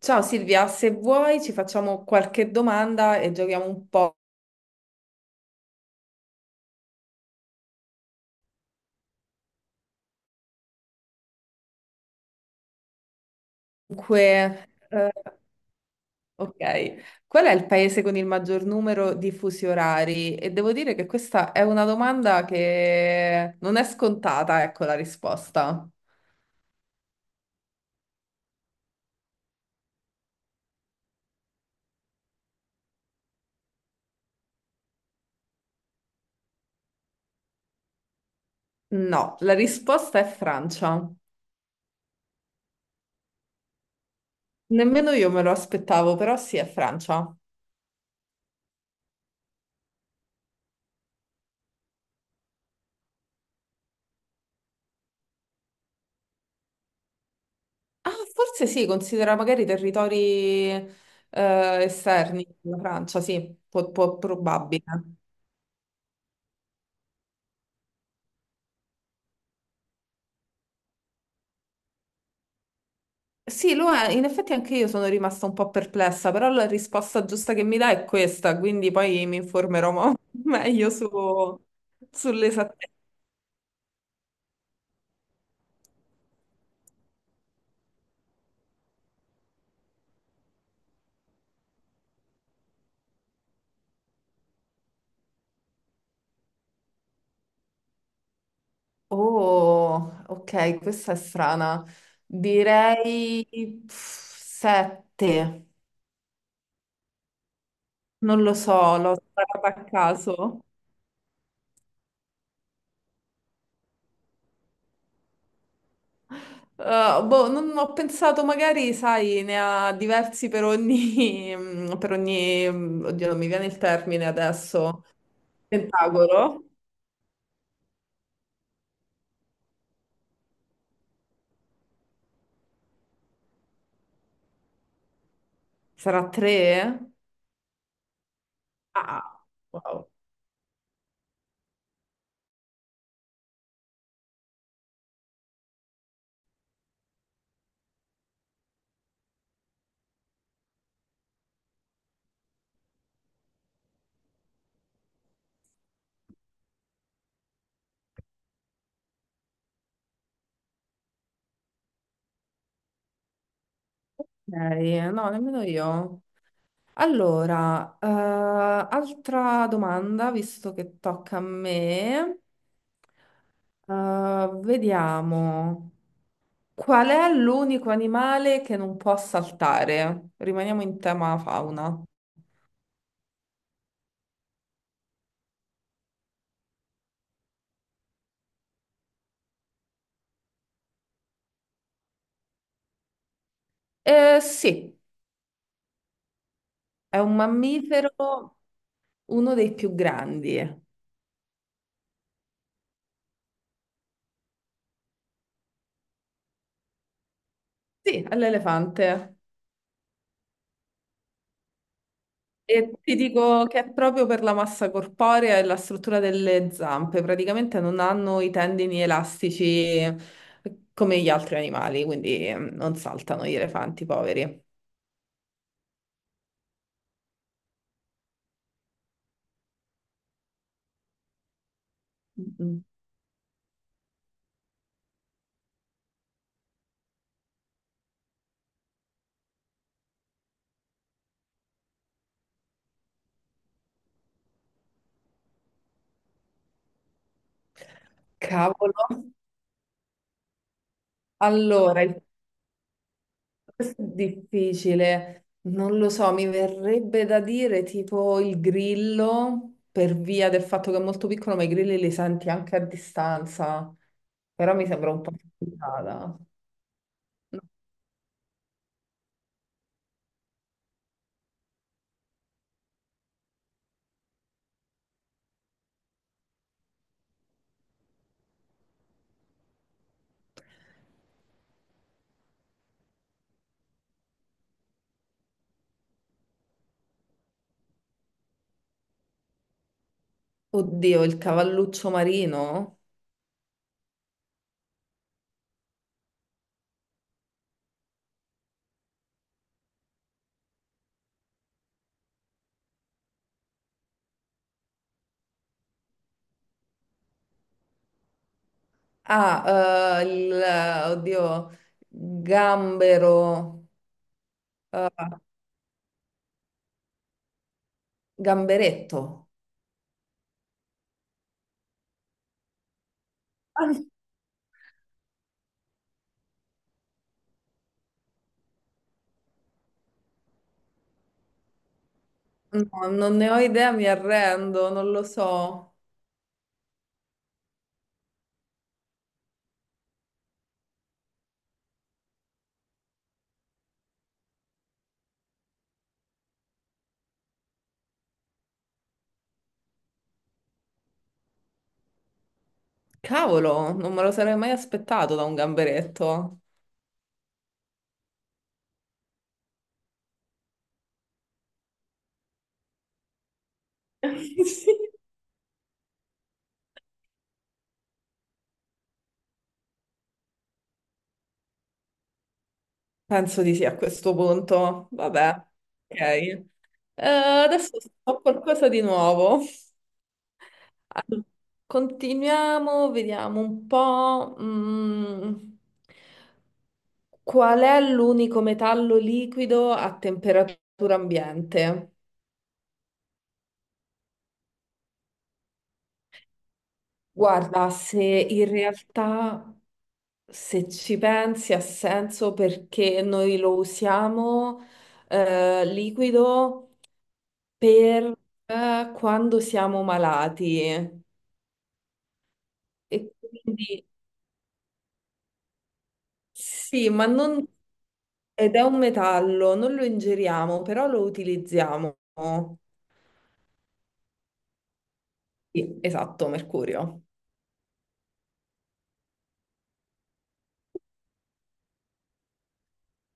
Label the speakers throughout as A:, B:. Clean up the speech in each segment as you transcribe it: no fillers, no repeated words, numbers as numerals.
A: Ciao Silvia, se vuoi ci facciamo qualche domanda e giochiamo un po'. Dunque, eh, ok, qual è il paese con il maggior numero di fusi orari? E devo dire che questa è una domanda che non è scontata, ecco la risposta. No, la risposta è Francia. Nemmeno io me lo aspettavo, però sì, è Francia. Ah, forse sì, considera magari territori esterni alla Francia, sì, probabile. Sì, lo è. In effetti anche io sono rimasta un po' perplessa, però la risposta giusta che mi dà è questa, quindi poi mi informerò meglio su, sull'esattezza. Oh, ok, questa è strana. Direi 7, non lo so, l'ho sparata a caso. Boh, non ho pensato, magari, sai, ne ha diversi per ogni, oddio, non mi viene il termine adesso, pentagono. Sarà tre? Ah, wow. Ok, no, nemmeno io. Allora, eh, Altra domanda, visto che tocca a me. Vediamo. Qual è l'unico animale che non può saltare? Rimaniamo in tema fauna. Sì, è un mammifero, uno dei più grandi. Sì, è l'elefante. E ti dico che è proprio per la massa corporea e la struttura delle zampe, praticamente non hanno i tendini elastici come gli altri animali, quindi non saltano gli elefanti poveri. Mm. Cavolo. Allora, il- Questo è difficile, non lo so, mi verrebbe da dire tipo il grillo, per via del fatto che è molto piccolo, ma i grilli li senti anche a distanza, però mi sembra un po' complicata. Oddio, il cavalluccio marino? Oddio, gambero, eh, gamberetto. Ah, no, non ne ho idea, mi arrendo, non lo so. Cavolo, non me lo sarei mai aspettato da un gamberetto. Sì. Penso di sì a questo punto. Vabbè, ok. Adesso ho qualcosa di nuovo. Allora, continuiamo, vediamo un po'. Qual è l'unico metallo liquido a temperatura ambiente? Guarda, se in realtà, se ci pensi, ha senso perché noi lo usiamo liquido per quando siamo malati. E quindi sì, ma non... Ed è un metallo, non lo ingeriamo, però lo utilizziamo. Sì, esatto, mercurio.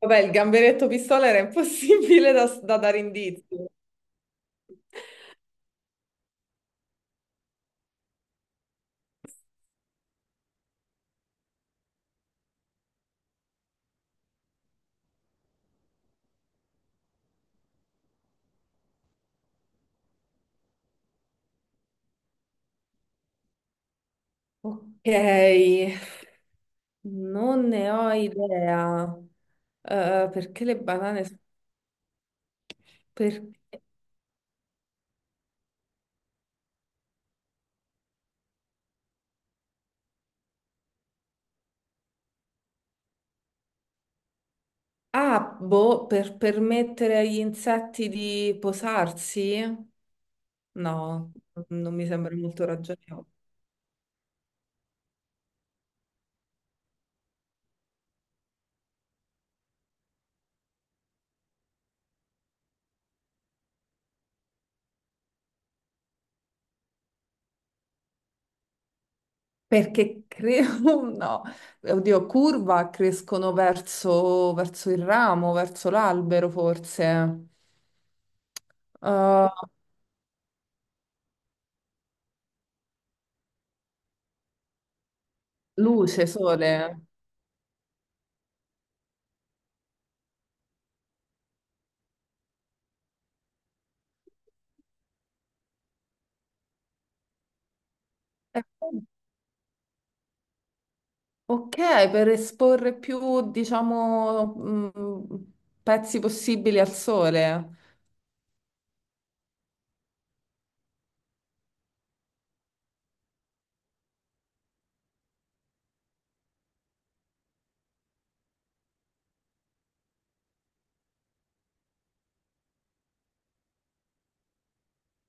A: Vabbè, il gamberetto pistola era impossibile da dare indizi. Ok, non ne ho idea. Perché le banane... Per... Ah, boh, per permettere agli insetti di posarsi? No, non mi sembra molto ragionevole. Perché credo, no, oddio, curva crescono verso, verso il ramo, verso l'albero forse. Uh, Luce, sole. Eh, Ok, per esporre più, diciamo, pezzi possibili al sole.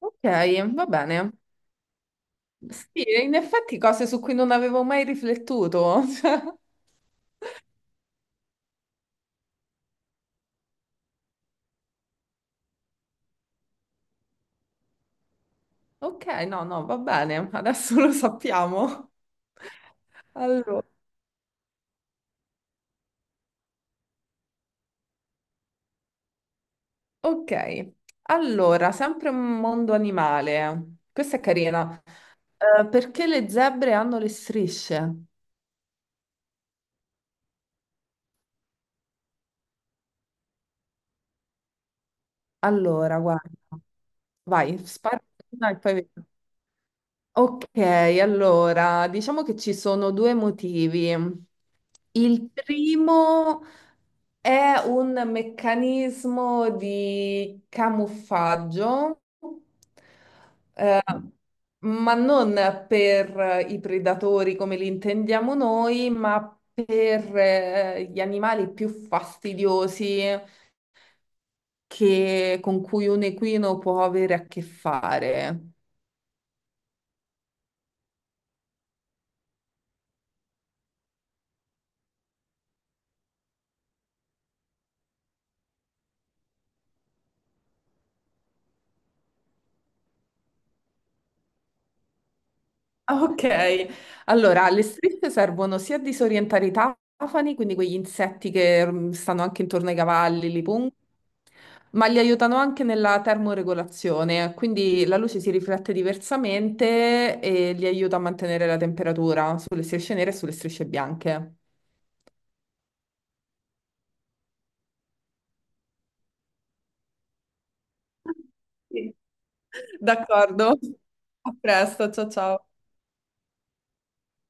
A: Ok, va bene. Sì, in effetti cose su cui non avevo mai riflettuto. Cioè, ok, no, no, va bene, adesso lo sappiamo. Allora. Ok, allora, sempre un mondo animale. Questa è carina. Perché le zebre hanno le strisce? Allora, guarda, vai, spara una e poi vedi. Ok, allora diciamo che ci sono due motivi. Il primo è un meccanismo di camuffaggio, eh, ma non per i predatori come li intendiamo noi, ma per gli animali più fastidiosi con cui un equino può avere a che fare. Ah, ok, allora le strisce servono sia a disorientare i tafani, quindi quegli insetti che stanno anche intorno ai cavalli, li pungono, ma li aiutano anche nella termoregolazione, quindi la luce si riflette diversamente e li aiuta a mantenere la temperatura sulle strisce nere e sulle strisce bianche. Sì. D'accordo, a presto, ciao ciao.